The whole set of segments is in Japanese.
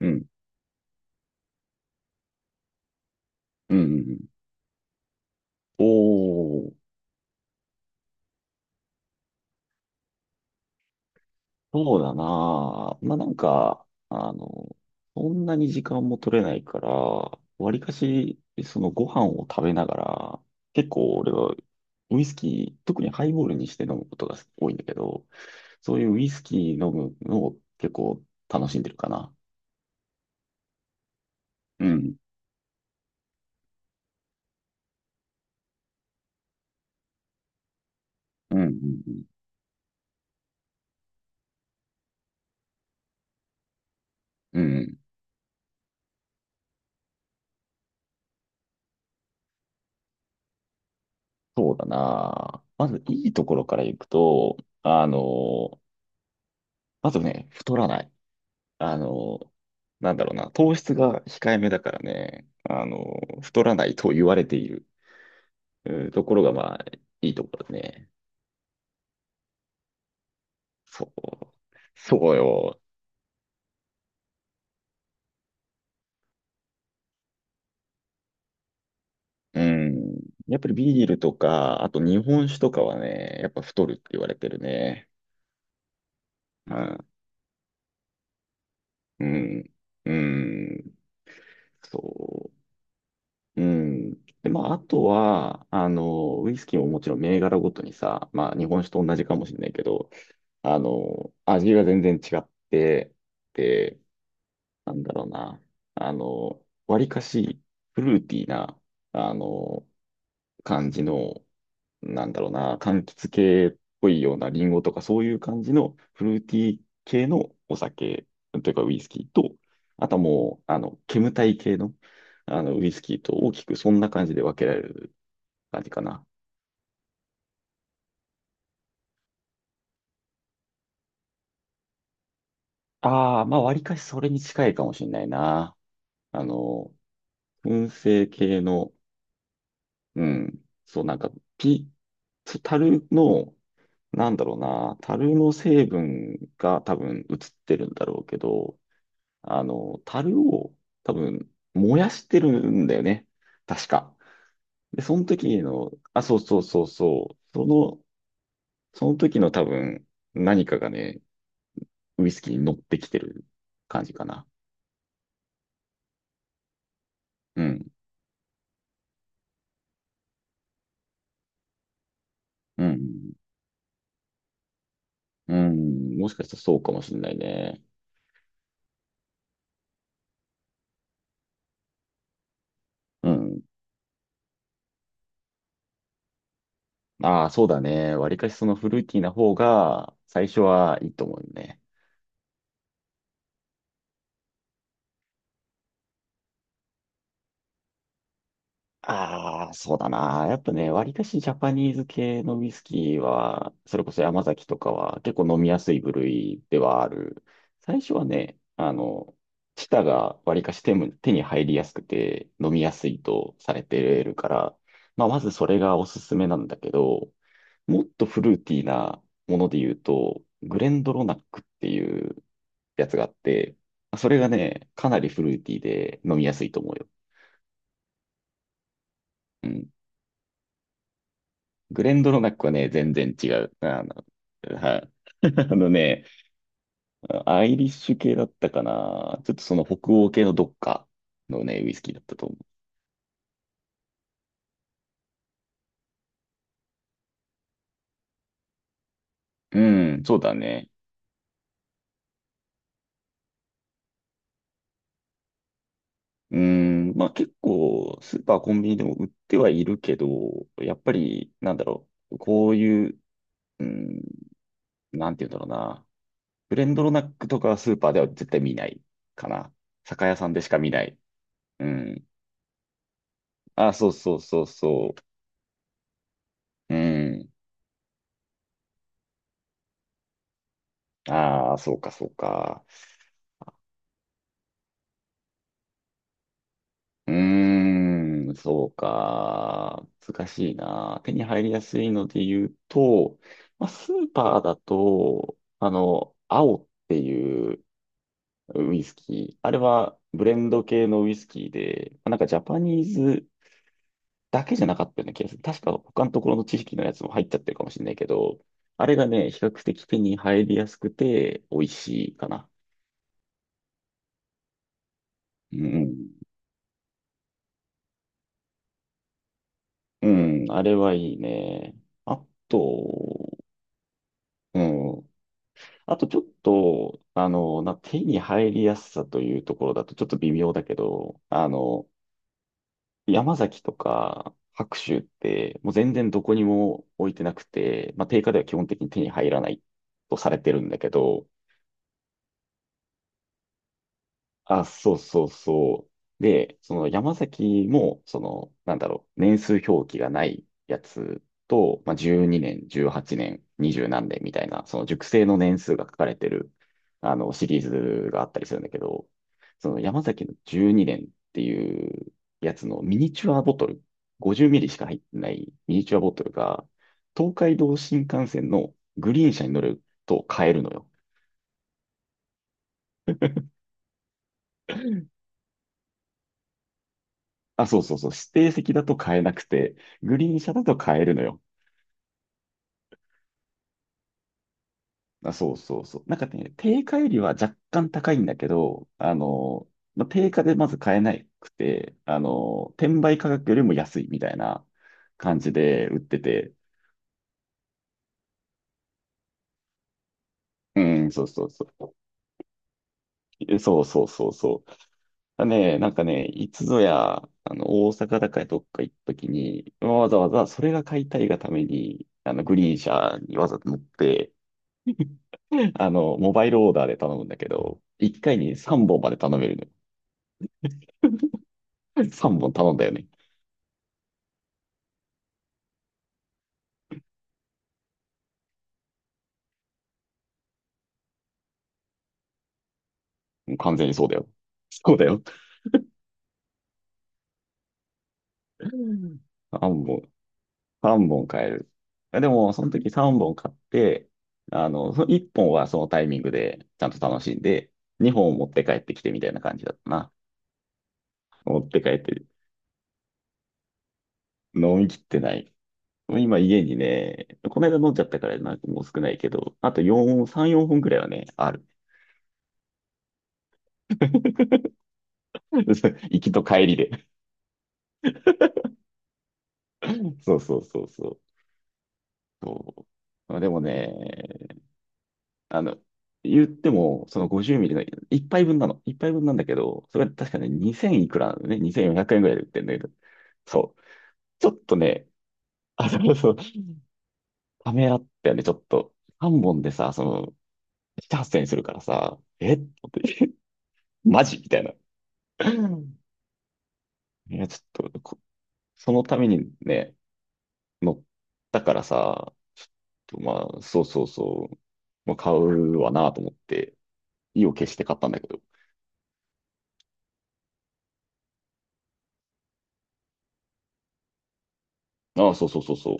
うん。うん。うん。おー、そうだな。まあ、なんか、そんなに時間も取れないから、わりかし、そのご飯を食べながら、結構俺はウイスキー、特にハイボールにして飲むことが多いんだけど、そういうウイスキー飲むのを結構楽しんでるかな。うん。うん。うん。うんうん。そうだな。まずいいところからいくと、あの、まずね、太らない。あの、なんだろうな、糖質が控えめだからね、太らないと言われている、うん、ところが、まあ、いいところだね。そう。そうよ。うん。やっぱりビールとか、あと日本酒とかはね、やっぱ太るって言われてるね。うん。うん。そう。うん。で、まあ、あとは、ウイスキーももちろん銘柄ごとにさ、まあ、日本酒と同じかもしれないけど、味が全然違って、でなんだろうな。あの、わりかしフルーティーな、あの、感じの、なんだろうな、柑橘系っぽいようなリンゴとかそういう感じのフルーティー系のお酒というかウイスキーと、あとはもう、煙たい系の、あのウイスキーと大きくそんな感じで分けられる感じかな。ああ、まあ、わりかしそれに近いかもしれないな。あの、燻製系の、うん、そう、なんか、ピ、タルの、なんだろうな、樽の成分が多分映ってるんだろうけど、樽を多分燃やしてるんだよね。確か。で、その時の、あ、そうそうそうそう、その時の多分何かがね、ウイスキーに乗ってきてる感じかな。うん、うん、うん、もしかしたらそうかもしれないね。うん。ああ、そうだね。わりかしそのフルーティーな方が最初はいいと思うよね。ああ、そうだな。やっぱね、割かしジャパニーズ系のウイスキーは、それこそ山崎とかは結構飲みやすい部類ではある。最初はね、チタが割かし手に入りやすくて飲みやすいとされてるから、まあ、まずそれがおすすめなんだけど、もっとフルーティーなもので言うと、グレンドロナックっていうやつがあって、それがね、かなりフルーティーで飲みやすいと思うよ。うん。グレンドロナックはね、全然違う。はい。あのね、アイリッシュ系だったかな。ちょっとその北欧系のどっかのね、ウイスキーだったと思う。うん、そうだね。うん、まあ結構、スーパー、コンビニでも売ってはいるけど、やっぱり、こういう、うん、なんて言うんだろうな。ブレンドロナックとかはスーパーでは絶対見ないかな。酒屋さんでしか見ない。うん。あ、そうそうそうそう。うん。ああ、そうか、そうか。うーん、そうか。難しいな。手に入りやすいので言うと、まあ、スーパーだと、青っていうウイスキー。あれはブレンド系のウイスキーで、まあなんかジャパニーズだけじゃなかったような気がする。確か他のところの知識のやつも入っちゃってるかもしれないけど、あれがね、比較的手に入りやすくて美味しいかな。うん。うん、あれはいいね。あと、うん。あとちょっと、手に入りやすさというところだとちょっと微妙だけど、山崎とか白州ってもう全然どこにも置いてなくて、まあ、定価では基本的に手に入らないとされてるんだけど、あ、そうそうそう。で、その山崎も、その、年数表記がないやつと、まあ、12年、18年、20何年みたいな、その熟成の年数が書かれてる、シリーズがあったりするんだけど、その山崎の12年っていうやつのミニチュアボトル、50ミリしか入ってないミニチュアボトルが、東海道新幹線のグリーン車に乗ると買えるのよ。あ、そうそうそう。指定席だと買えなくて、グリーン車だと買えるのよ。あ、そうそうそう。なんかね、定価よりは若干高いんだけど、まあ、定価でまず買えなくて、転売価格よりも安いみたいな感じで売ってて、うん、そうそうそう。え、そうそうそうそう。だね、なんかね、いつぞや、大阪だかどっか行った時に、わざわざそれが買いたいがために、グリーン車にわざと乗って、モバイルオーダーで頼むんだけど、1回に3本まで頼めるのよ。3本頼んだよね。もう完全にそうだよ。そうだよ。3本、3本買える。でも、その時3本買って、その1本はそのタイミングでちゃんと楽しんで、2本持って帰ってきてみたいな感じだったな。持って帰って、飲み切ってない。今家にね、この間飲んじゃったからなんかもう少ないけど、あと4、3、4本くらいはね、ある。行きと帰りで。そうそうそうそう。そう。でもね、あの、言っても、その50ミリの一杯分なの。一杯分なんだけど、それは確かね、2000いくらなのね。2400円ぐらいで売ってるんだけど。そう。ちょっとね、あ、そうそう、ためらったよね、ちょっと。3本でさ、その、7、8000円するからさ、えって思って マジみたいな。いや、ちょっとそのためにね、乗ったからさ、ちょっとまあ、そうそうそう、もう買うわなと思って、意を決して買ったんだけど。ああ、そうそうそうそう。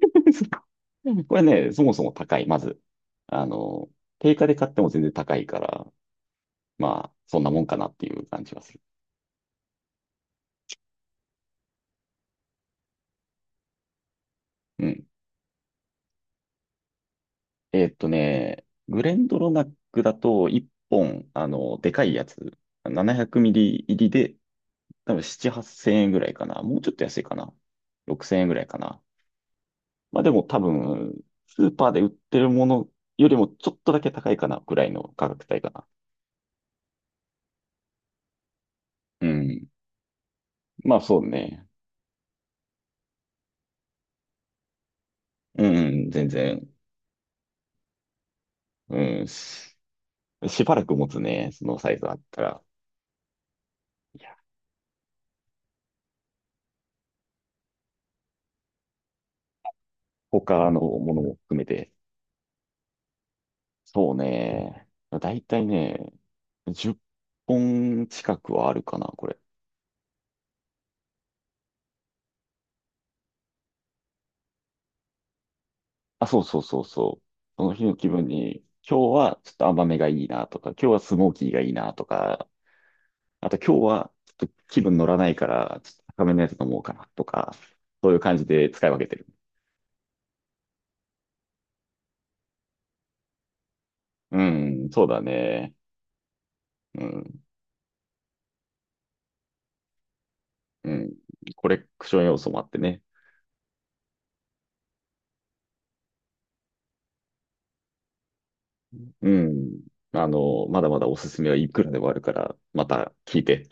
これね、そもそも高い、まず。あの、定価で買っても全然高いから、まあ、そんなもんかなっていう感じはする。うん。グレンドロナックだと1本、でかいやつ、700ミリ入りで、多分7、8千円ぐらいかな。もうちょっと安いかな。6千円ぐらいかな。まあでも多分、スーパーで売ってるものよりもちょっとだけ高いかな、ぐらいの価格帯かな。うん。まあそうね。うん、うん全然。うん、しばらく持つね、そのサイズあったら。いや、他のものも含めて。そうね。だいたいね、10本近くはあるかな、これ。あ、そうそうそうそう。その日の気分に、今日はちょっと甘めがいいなとか、今日はスモーキーがいいなとか、あと今日はちょっと気分乗らないから、ちょっと高めのやつ飲もうかなとか、そういう感じで使い分けてる。うん、そうだね。うん、うん。コレクション要素もあってね。うん。まだまだおすすめはいくらでもあるから、また聞いて。